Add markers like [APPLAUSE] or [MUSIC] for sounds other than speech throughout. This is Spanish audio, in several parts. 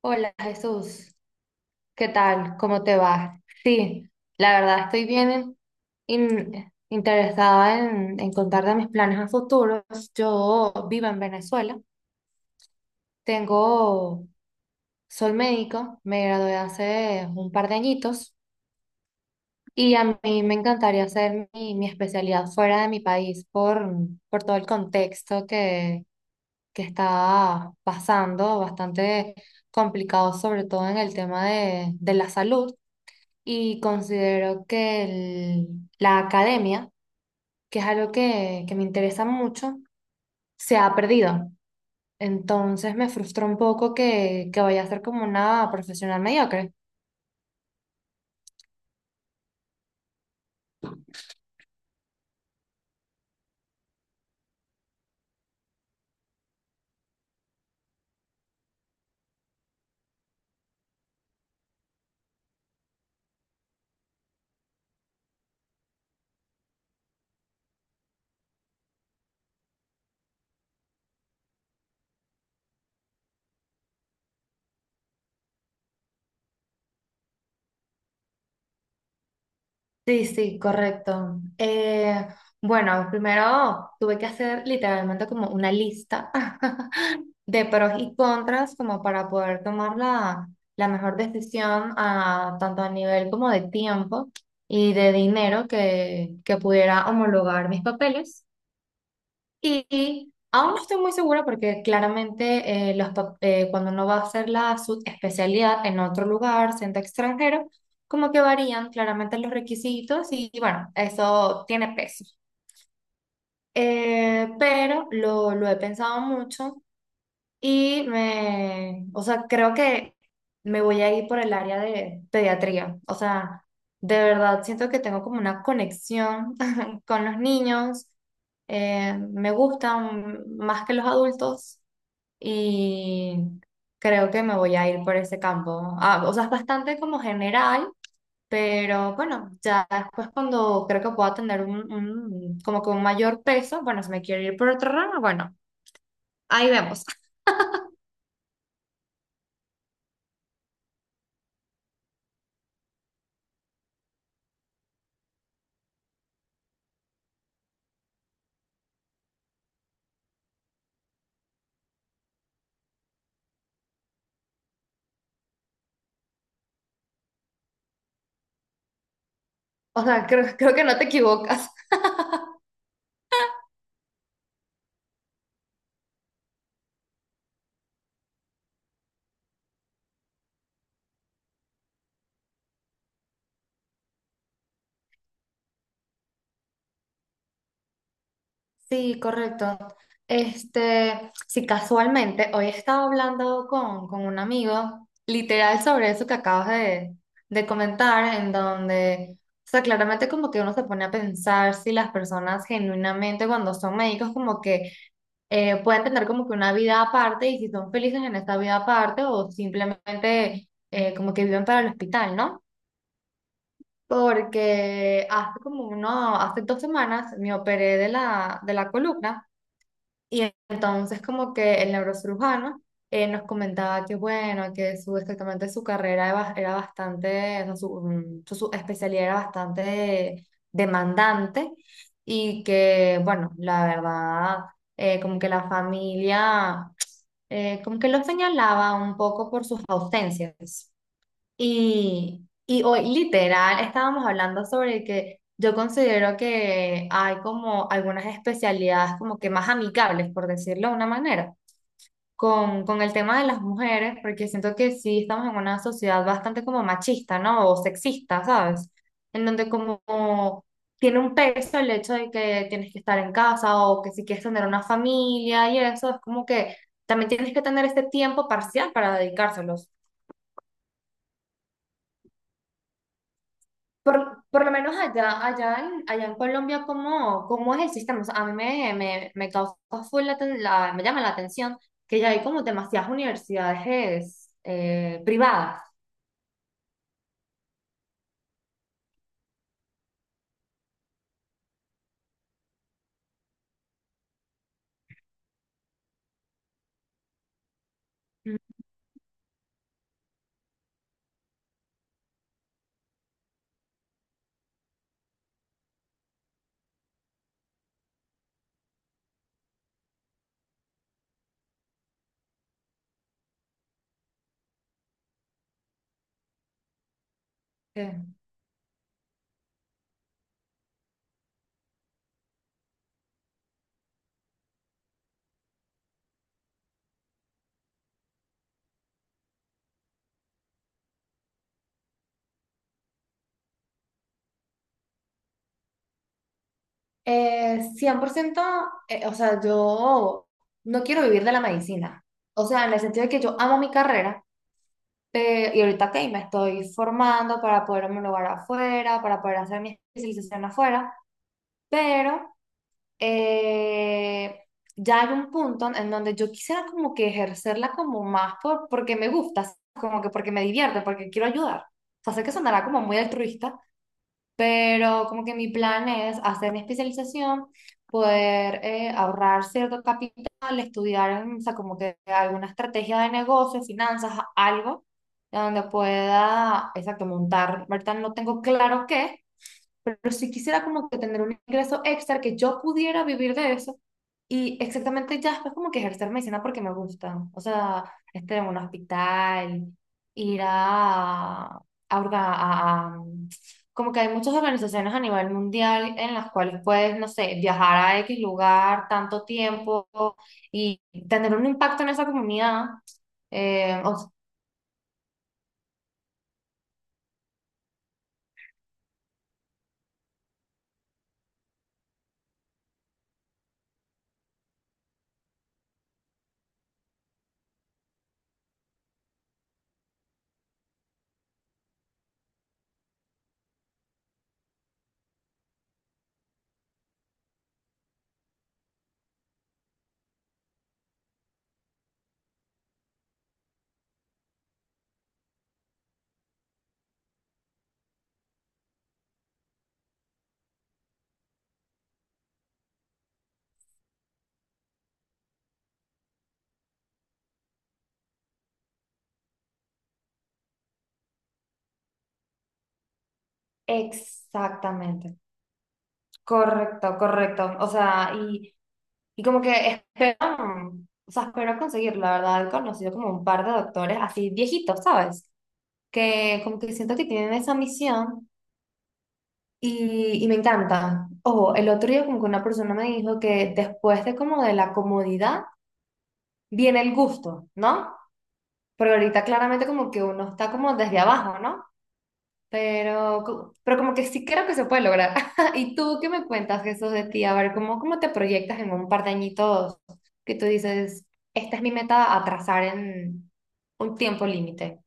Hola Jesús, ¿qué tal? ¿Cómo te va? Sí, la verdad estoy bien interesada en contarte mis planes a futuro. Yo vivo en Venezuela, tengo, soy médico, me gradué hace un par de añitos y a mí me encantaría hacer mi especialidad fuera de mi país por todo el contexto que está pasando, bastante complicado sobre todo en el tema de la salud. Y considero que la academia, que es algo que me interesa mucho, se ha perdido. Entonces me frustra un poco que vaya a ser como una profesional mediocre. Sí, sí, correcto. Bueno, primero tuve que hacer literalmente como una lista [LAUGHS] de pros y contras como para poder tomar la mejor decisión tanto a nivel como de tiempo y de dinero que pudiera homologar mis papeles. Y aún no estoy muy segura porque claramente cuando uno va a hacer la especialidad en otro lugar, siendo extranjero, como que varían claramente los requisitos y, bueno, eso tiene peso. Pero lo he pensado mucho y o sea, creo que me voy a ir por el área de pediatría. O sea, de verdad siento que tengo como una conexión [LAUGHS] con los niños. Me gustan más que los adultos y creo que me voy a ir por ese campo. Ah, o sea, es bastante como general, pero bueno, ya después cuando creo que pueda tener como que un mayor peso, bueno, si me quiero ir por otro ramo, bueno, ahí vemos. O sea, creo que no te equivocas. Sí, correcto. Este, sí, casualmente, hoy estaba hablando con un amigo, literal, sobre eso que acabas de comentar, en donde, o sea, claramente como que uno se pone a pensar si las personas genuinamente cuando son médicos como que pueden tener como que una vida aparte y si son felices en esta vida aparte o simplemente como que viven para el hospital, ¿no? Porque hace 2 semanas me operé de la columna, entonces como que el neurocirujano nos comentaba que bueno, que exactamente su carrera era bastante, o sea, su especialidad era bastante demandante y que bueno, la verdad, como que la familia, como que lo señalaba un poco por sus ausencias. Y hoy literal estábamos hablando sobre que yo considero que hay como algunas especialidades como que más amigables, por decirlo de una manera, con el tema de las mujeres, porque siento que sí estamos en una sociedad bastante como machista, ¿no? O sexista, ¿sabes? En donde como tiene un peso el hecho de que tienes que estar en casa o que si quieres tener una familia y eso, es como que también tienes que tener este tiempo parcial para dedicárselos. Por lo menos allá en Colombia, ¿cómo es el sistema? O sea, a mí me causa full me llama la atención que ya hay como demasiadas universidades privadas. Mm, ok. 100%, o sea, yo no quiero vivir de la medicina. O sea, en el sentido de que yo amo mi carrera, y ahorita que me estoy formando para poder homologar afuera, para poder hacer mi especialización afuera, pero eh, ya hay un punto en donde yo quisiera como que ejercerla como más porque me gusta, como que porque me divierte, porque quiero ayudar. O sea, sé que sonará como muy altruista, pero como que mi plan es hacer mi especialización, poder ahorrar cierto capital, estudiar, o sea, como que alguna estrategia de negocio, finanzas, algo, donde pueda, exacto, montar. Ahorita no tengo claro qué, pero si quisiera como que tener un ingreso extra que yo pudiera vivir de eso y exactamente ya después como que ejercer medicina porque me gusta, o sea, estar en un hospital, ir a, orga- a- como que hay muchas organizaciones a nivel mundial en las cuales puedes, no sé, viajar a X lugar tanto tiempo y tener un impacto en esa comunidad. Eh, o- Exactamente, correcto, correcto, o sea, y como que esperaron, o sea, espero conseguir, la verdad, he conocido como un par de doctores así viejitos, ¿sabes? Que como que siento que tienen esa misión y me encanta. Ojo, el otro día como que una persona me dijo que después de como de la comodidad viene el gusto, ¿no? Porque ahorita claramente como que uno está como desde abajo, ¿no? Pero, pero como que sí creo que se puede lograr. [LAUGHS] ¿Y tú qué me cuentas, Jesús, de ti? A ver, ¿cómo te proyectas en un par de añitos que tú dices, esta es mi meta, atrasar en un tiempo límite?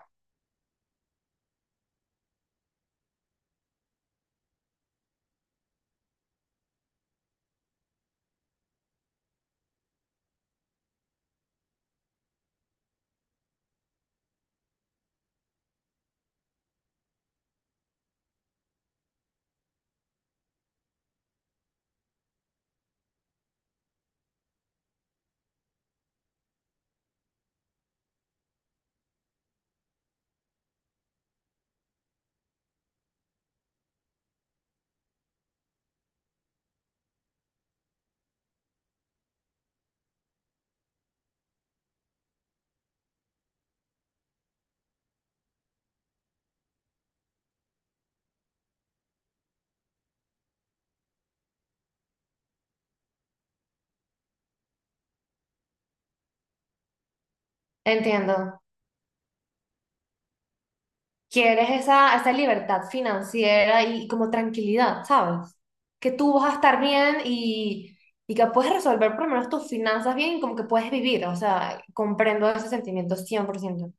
Entiendo. Quieres esa libertad financiera y como tranquilidad, ¿sabes? Que tú vas a estar bien y que puedes resolver por lo menos tus finanzas bien y como que puedes vivir. O sea, comprendo ese sentimiento 100%.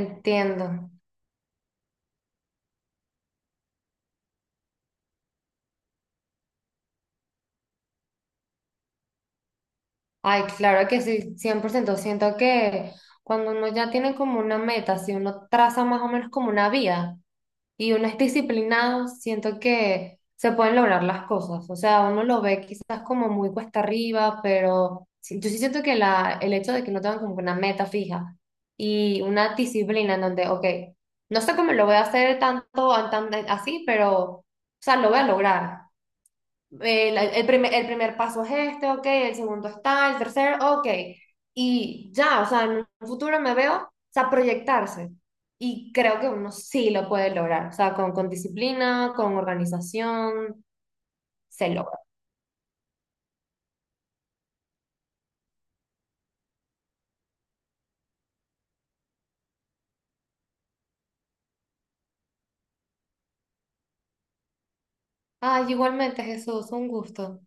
Entiendo. Ay, claro que sí, 100%. Siento que cuando uno ya tiene como una meta, si uno traza más o menos como una vía y uno es disciplinado, siento que se pueden lograr las cosas. O sea, uno lo ve quizás como muy cuesta arriba, pero yo sí siento que el hecho de que no tengan como una meta fija y una disciplina en donde, ok, no sé cómo lo voy a hacer tanto, así, pero, o sea, lo voy a lograr. El primer paso es este, ok, el segundo está, el tercero, ok. Y ya, o sea, en un futuro me veo, o sea, proyectarse. Y creo que uno sí lo puede lograr, o sea, con disciplina, con organización, se logra. Ay, igualmente, Jesús, un gusto.